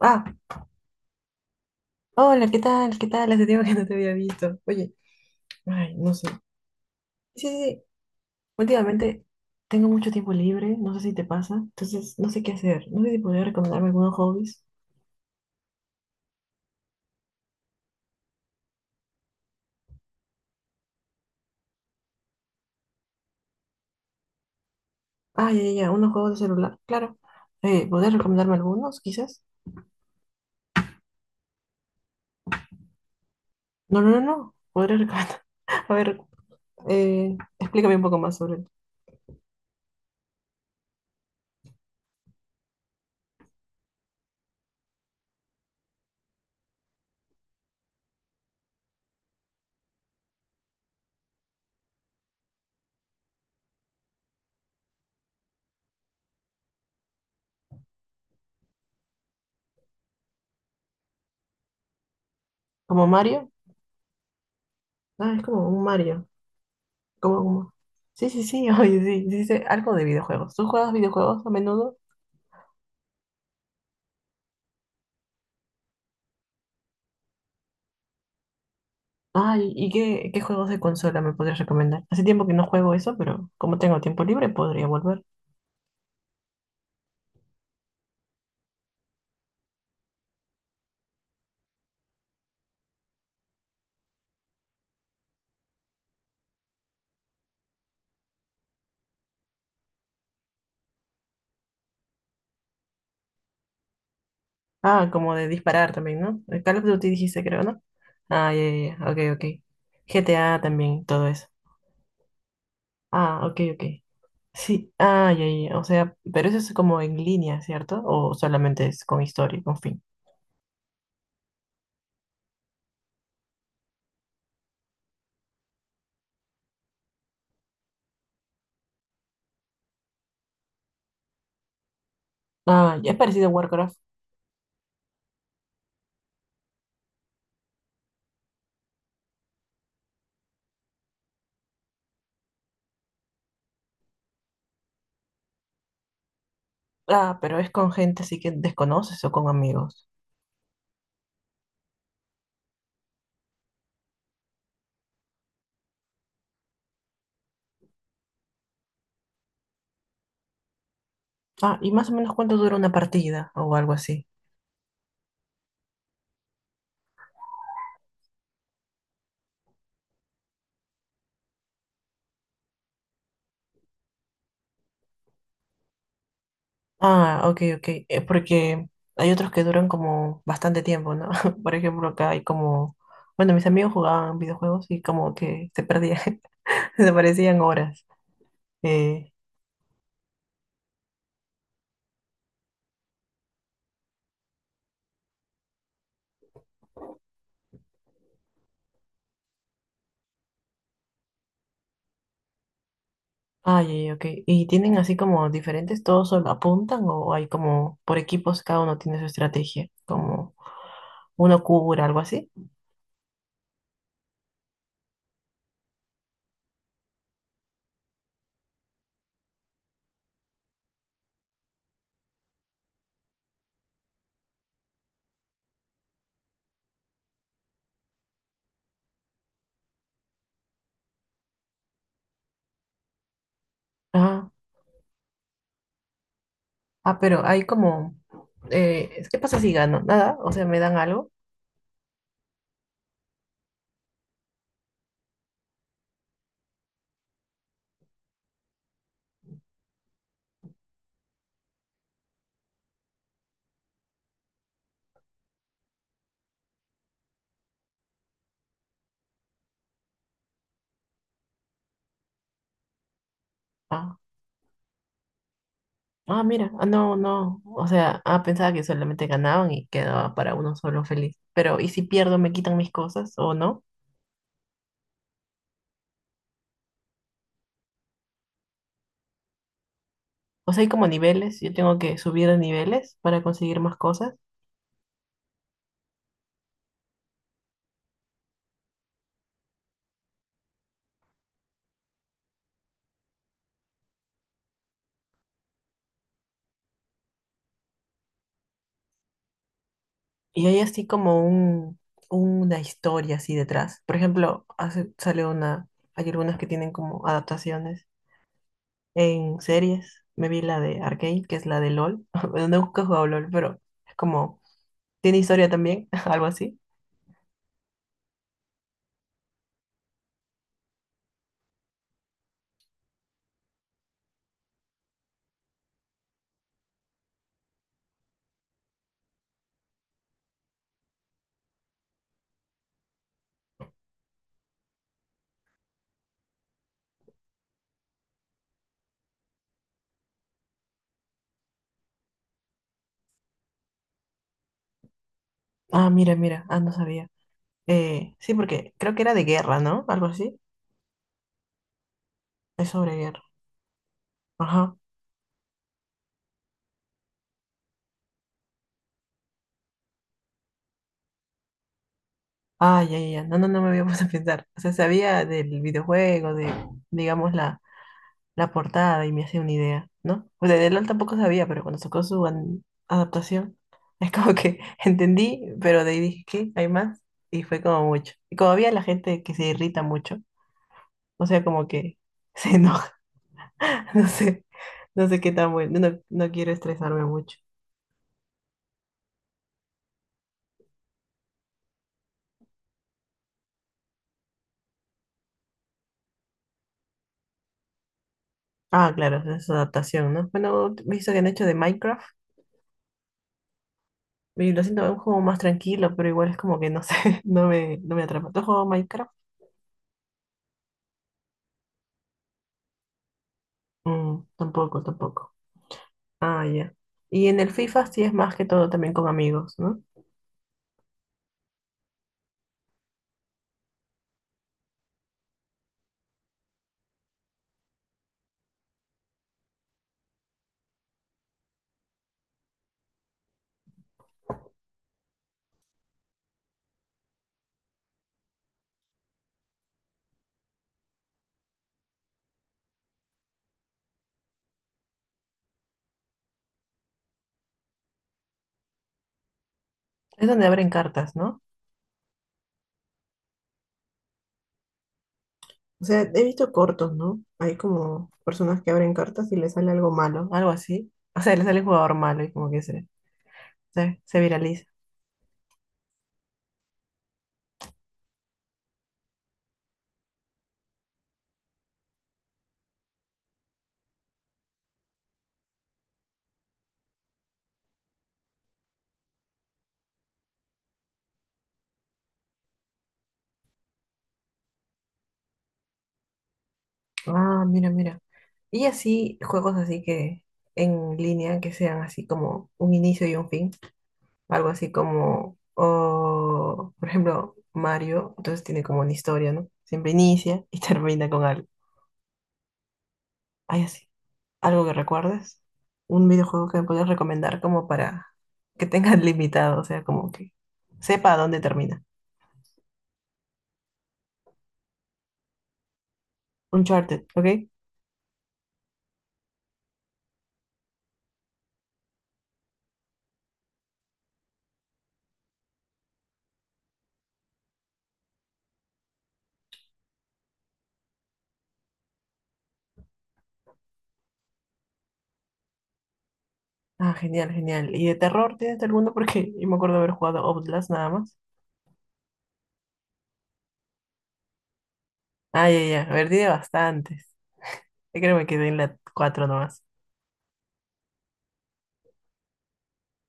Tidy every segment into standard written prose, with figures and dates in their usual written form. Ah, hola, ¿qué tal? ¿Qué tal? Hace tiempo que no te había visto. Oye, ay, no sé. Sí, sí, sí. Últimamente tengo mucho tiempo libre, no sé si te pasa, entonces no sé qué hacer. No sé si podrías recomendarme algunos hobbies. Ah, ya, ya, ya, unos juegos de celular, claro. ¿Podrías recomendarme algunos, quizás? No, no, no, no. Podrías recomendar. A ver, explícame un poco más sobre él. ¿Como Mario? Ah, es como un Mario. Como, como... Sí, sí, sí, oye, sí, sí, sí, algo de videojuegos. ¿Tú juegas videojuegos a menudo? Ay, ¿y qué, qué juegos de consola me podrías recomendar? Hace tiempo que no juego eso, pero como tengo tiempo libre, podría volver. Ah, como de disparar también, ¿no? El Call of Duty dijiste, creo, ¿no? Ah, ya, ya, ya, ok, ok. GTA también, todo eso. Ah, ok, ok. Sí, ah, ya, ya, ya, o sea, pero eso es como en línea, ¿cierto? ¿O solamente es con historia y con fin? Ah, ya es parecido a Warcraft. Ah, pero es con gente así que desconoces o con amigos. Ah, y más o menos cuánto dura una partida o algo así. Ah, ok, ok. Porque hay otros que duran como bastante tiempo, ¿no? Por ejemplo, acá hay como... Bueno, mis amigos jugaban videojuegos y como que se perdían, desaparecían horas. Eh, ah, ya, ya, ok. ¿Y tienen así como diferentes, todos solo apuntan o hay como por equipos, cada uno tiene su estrategia? Como uno cura, algo así. Ah. Ah, pero hay como, ¿qué pasa si gano? Nada, o sea, me dan algo. Ah, ah, mira, ah, no, no, o sea, ah, pensaba que solamente ganaban y quedaba para uno solo feliz. Pero, ¿y si pierdo, me quitan mis cosas o no? O sea, hay como niveles, yo tengo que subir de niveles para conseguir más cosas. Y hay así como un, una historia así detrás. Por ejemplo, hace, sale una, hay algunas que tienen como adaptaciones. En series me vi la de Arcane, que es la de LOL. Bueno, nunca he jugado LOL, pero es como, tiene historia también, algo así. Ah, mira, mira, ah, no sabía. Sí, porque creo que era de guerra, ¿no? Algo así. Es sobre guerra. Ajá. Ah, ya, ya, ya. No, no, no me había puesto a pensar. O sea, sabía del videojuego, de, digamos, la portada y me hacía una idea, ¿no? O sea, de LOL tampoco sabía, pero cuando sacó su adaptación, es como que entendí, pero de ahí dije, ¿qué? ¿Hay más? Y fue como mucho. Y como había la gente que se irrita mucho, o sea, como que se enoja, no sé, no sé qué tan bueno, no, no quiero estresarme mucho. Ah, claro, esa es su adaptación, ¿no? Bueno, visto que han hecho de Minecraft, y lo siento, es un juego más tranquilo, pero igual es como que no sé, no me atrapa. ¿Tú has jugado Minecraft? Mm, tampoco, tampoco. Ah, ya. Y en el FIFA sí es más que todo también con amigos, ¿no? Es donde abren cartas, ¿no? O sea, he visto cortos, ¿no? Hay como personas que abren cartas y les sale algo malo, algo así. O sea, les sale el jugador malo y como que se viraliza. Ah, mira, mira. Y así, juegos así que en línea, que sean así como un inicio y un fin. Algo así como, o, por ejemplo, Mario, entonces tiene como una historia, ¿no? Siempre inicia y termina con algo. Ay, así. ¿Algo que recuerdes? Un videojuego que me puedas recomendar como para que tengas limitado, o sea, como que sepa a dónde termina. Uncharted, ¿ok? Ah, genial, genial. ¿Y de terror tienes alguno? Porque yo me acuerdo haber jugado Outlast nada más. Ah, ya, ya. A ver, tiene bastantes. Yo creo que me quedé en la 4 nomás.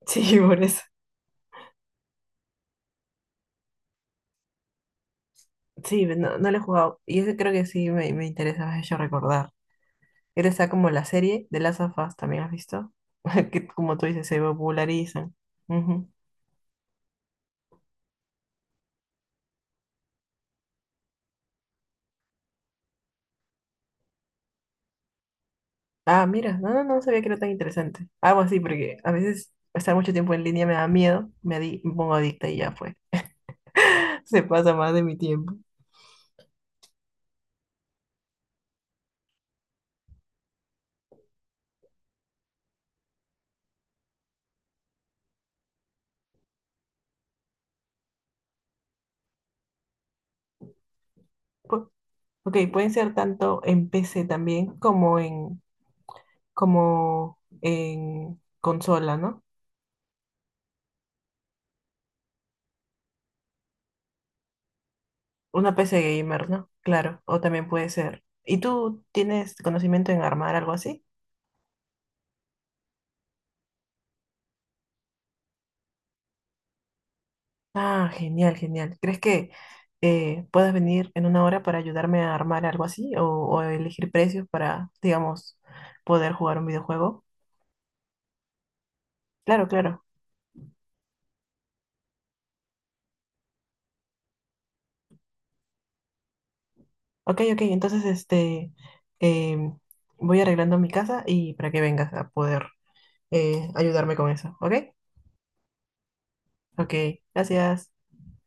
Sí, por eso. Sí, no no lo he jugado. Y ese creo que sí me interesa, me has hecho recordar. Él está como la serie de Last of Us, ¿también has visto? Que como tú dices, se popularizan. Ujú. Ah, mira, no, no, no sabía que era tan interesante. Algo así, porque a veces estar mucho tiempo en línea me da miedo, me pongo adicta y ya fue. Se pasa más de mi tiempo. Pu- ok, pueden ser tanto en PC también como en, como en consola, ¿no? Una P C gamer, ¿no? Claro, o también puede ser. ¿Y tú tienes conocimiento en armar algo así? Ah, genial, genial. ¿Crees que puedas venir en una hora para ayudarme a armar algo así o elegir precios para, digamos, poder jugar un videojuego? Claro, claro. Ok, ok, entonces este, em, voy arreglando mi casa y para que vengas a poder ayudarme con eso, ¿ok? Ok, gracias.